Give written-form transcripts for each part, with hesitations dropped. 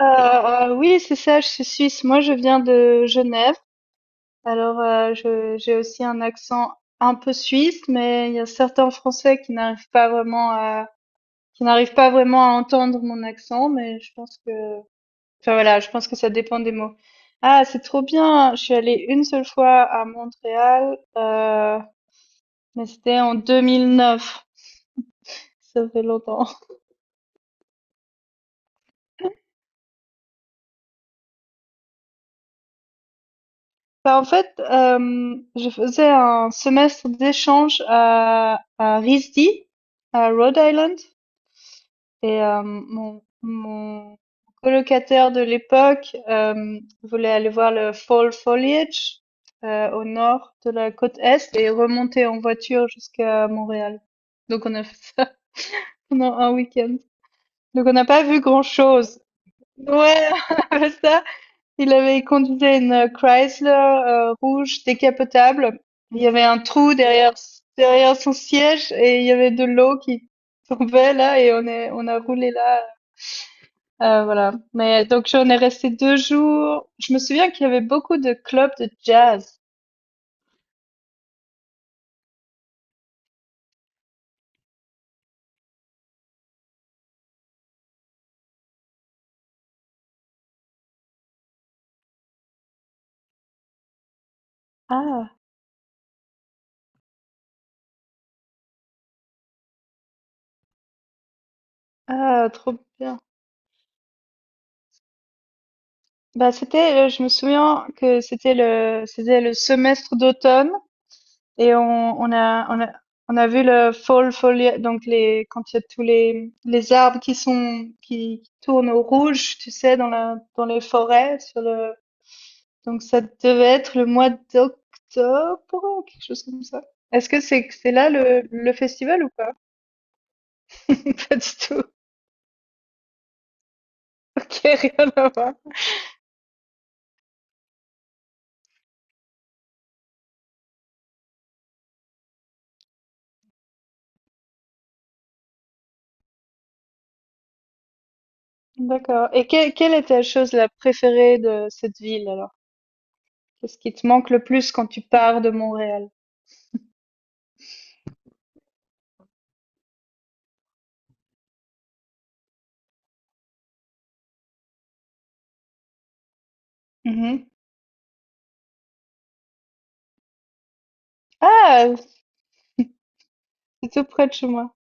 Oui, c'est ça, je suis suisse. Moi, je viens de Genève. Alors, je j'ai aussi un accent un peu suisse, mais il y a certains Français qui n'arrivent pas vraiment à entendre mon accent, mais je pense que enfin, voilà, je pense que ça dépend des mots. Ah, c'est trop bien! Je suis allée une seule fois à Montréal, mais c'était en 2009. Ça fait longtemps. Bah, en fait, je faisais un semestre d'échange à RISD, à Rhode Island, et mon colocataire de l'époque voulait aller voir le fall foliage au nord de la côte est et remonter en voiture jusqu'à Montréal. Donc on a fait ça pendant un week-end. Donc on n'a pas vu grand-chose. Ouais, ça. Il conduisait une Chrysler, rouge décapotable. Il y avait un trou derrière son siège et il y avait de l'eau qui tombait là et on a roulé là, voilà. Mais donc j'en ai resté 2 jours. Je me souviens qu'il y avait beaucoup de clubs de jazz. Ah! Ah, trop bien. Bah, c'était, je me souviens que c'était le semestre d'automne. Et on a vu le fall folia, donc quand il y a tous les arbres qui tournent au rouge, tu sais, dans les forêts, sur le, donc ça devait être le mois d'octobre, quelque chose comme ça. Est-ce que c'est là le festival ou pas? Pas du tout. Ok, rien à voir. D'accord. Et quelle est ta chose la préférée de cette ville alors? Qu'est-ce qui te manque le plus quand tu pars de Montréal? Mm-hmm. Ah! C'est tout près de chez moi.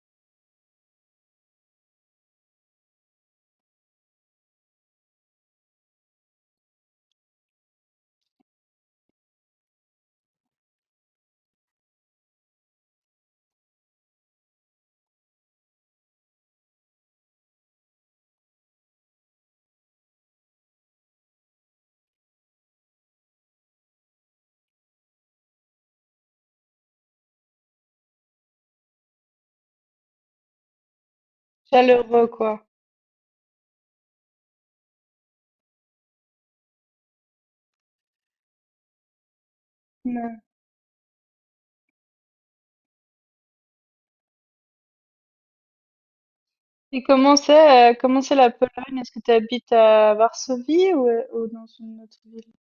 Chaleureux, quoi. Ouais. Et comment c'est la Pologne? Est-ce que tu habites à Varsovie ou dans une autre ville?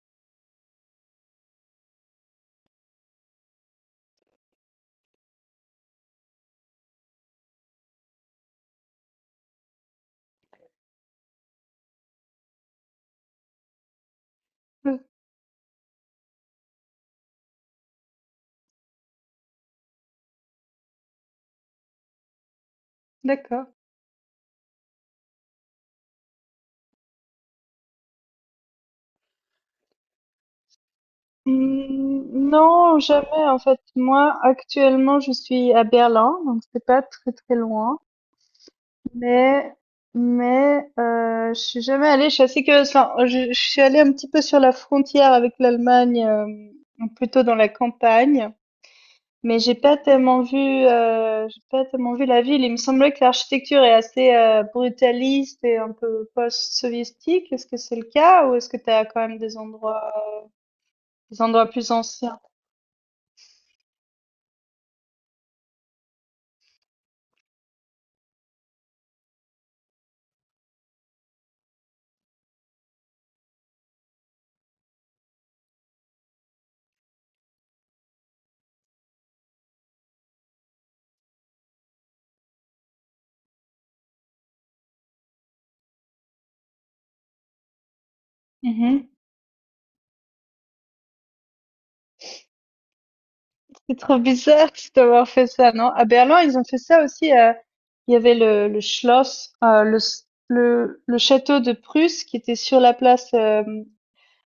Mmh, d'accord. Mmh, non, jamais, en fait. Moi, actuellement, je suis à Berlin, donc c'est pas très, très loin. Mais mais je suis jamais allée. Je suis assez curieuse. Enfin, je suis allée un petit peu sur la frontière avec l'Allemagne, plutôt dans la campagne. Mais j'ai pas tellement vu la ville. Il me semblait que l'architecture est assez, brutaliste et un peu post-soviétique. Est-ce que c'est le cas ou est-ce que tu as quand même des endroits plus anciens? Mmh C'est trop bizarre d'avoir fait ça, non? À Berlin, ils ont fait ça aussi, il y avait le Schloss, le s le château de Prusse qui était sur la place, hem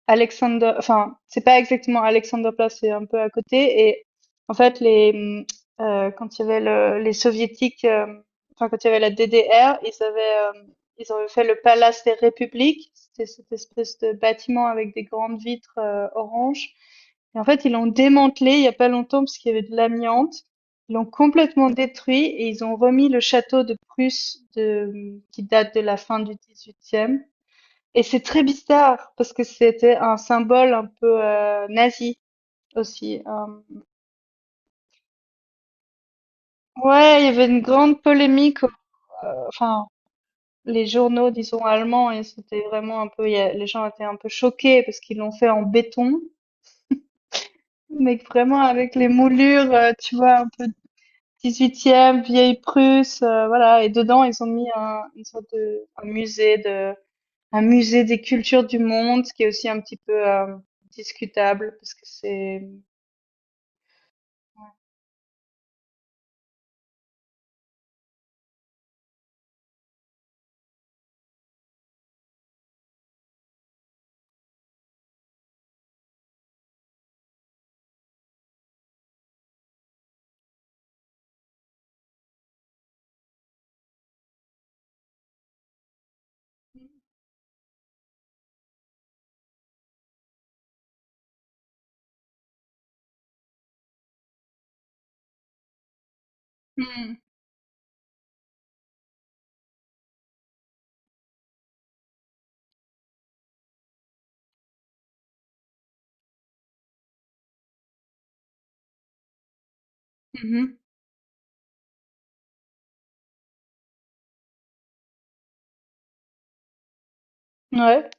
Alexander, enfin, c'est pas exactement Alexanderplatz, c'est un peu à côté. Et en fait, quand il y avait les soviétiques, enfin, quand il y avait la DDR, ils avaient fait le Palace des Républiques. C'était cette espèce de bâtiment avec des grandes vitres orange. Et en fait, ils l'ont démantelé il y a pas longtemps parce qu'il y avait de l'amiante. Ils l'ont complètement détruit et ils ont remis le château de Prusse qui date de la fin du XVIIIe. Et c'est très bizarre parce que c'était un symbole un peu nazi aussi. Ouais, il y avait une grande polémique, enfin les journaux disons allemands et c'était vraiment un peu, les gens étaient un peu choqués parce qu'ils l'ont fait en béton, mais vraiment avec les moulures, tu vois, un peu 18e, vieille Prusse, voilà. Et dedans ils ont mis une sorte de un musée des cultures du monde, ce qui est aussi un petit peu discutable parce que c'est. Hmm. Mmh, ouais.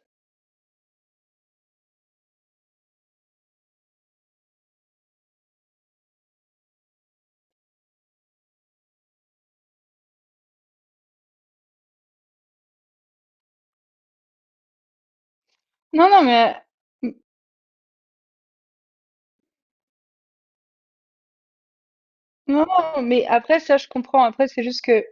Non, non, mais, heu, Non, non, mais après, ça, je comprends. Après, c'est juste que,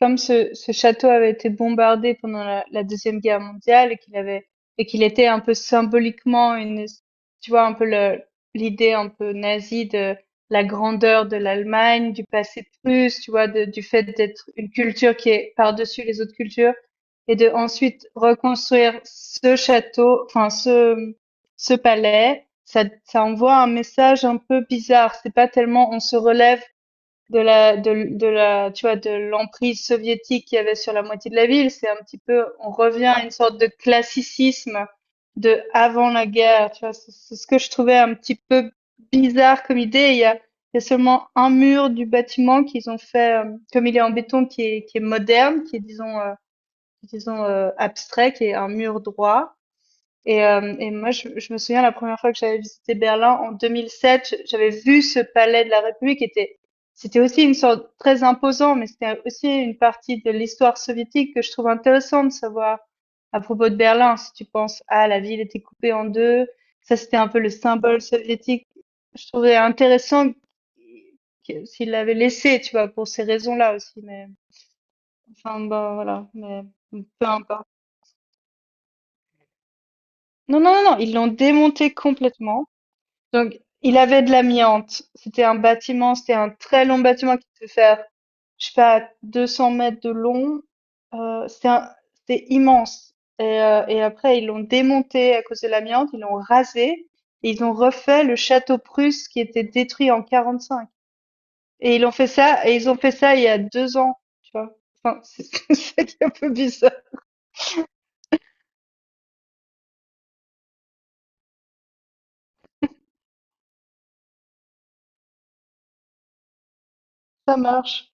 comme ce château avait été bombardé pendant la Deuxième Guerre mondiale et qu'il était un peu symboliquement une, tu vois, un peu l'idée un peu nazie de la grandeur de l'Allemagne, du passé prusse, tu vois, du fait d'être une culture qui est par-dessus les autres cultures et de ensuite reconstruire ce château, enfin, ce palais. Ça envoie un message un peu bizarre. C'est pas tellement on se relève de la de de la tu vois de l'emprise soviétique qu'il y avait sur la moitié de la ville, c'est un petit peu on revient à une sorte de classicisme de avant la guerre, tu vois, c'est ce que je trouvais un petit peu bizarre comme idée. Il y a seulement un mur du bâtiment qu'ils ont fait comme il est en béton qui est moderne, qui est disons abstrait, qui est un mur droit. Et moi, je me souviens la première fois que j'avais visité Berlin en 2007, j'avais vu ce palais de la République. C'était aussi une sorte très imposant, mais c'était aussi une partie de l'histoire soviétique que je trouve intéressant de savoir à propos de Berlin. Si tu penses, ah, la ville était coupée en deux, ça c'était un peu le symbole soviétique. Je trouvais intéressant s'il l'avait laissé, tu vois, pour ces raisons-là aussi. Mais enfin, bon, voilà. Mais peu importe. Non, non, non, non, ils l'ont démonté complètement. Donc, il avait de l'amiante. C'était un très long bâtiment qui devait faire, je sais pas, 200 mètres de long. C'était immense. Et après, ils l'ont démonté à cause de l'amiante, ils l'ont rasé et ils ont refait le château Prusse qui était détruit en 45. Et ils ont fait ça il y a 2 ans, tu vois. Enfin, c'est c'est ça qui est un peu bizarre. Ça marche.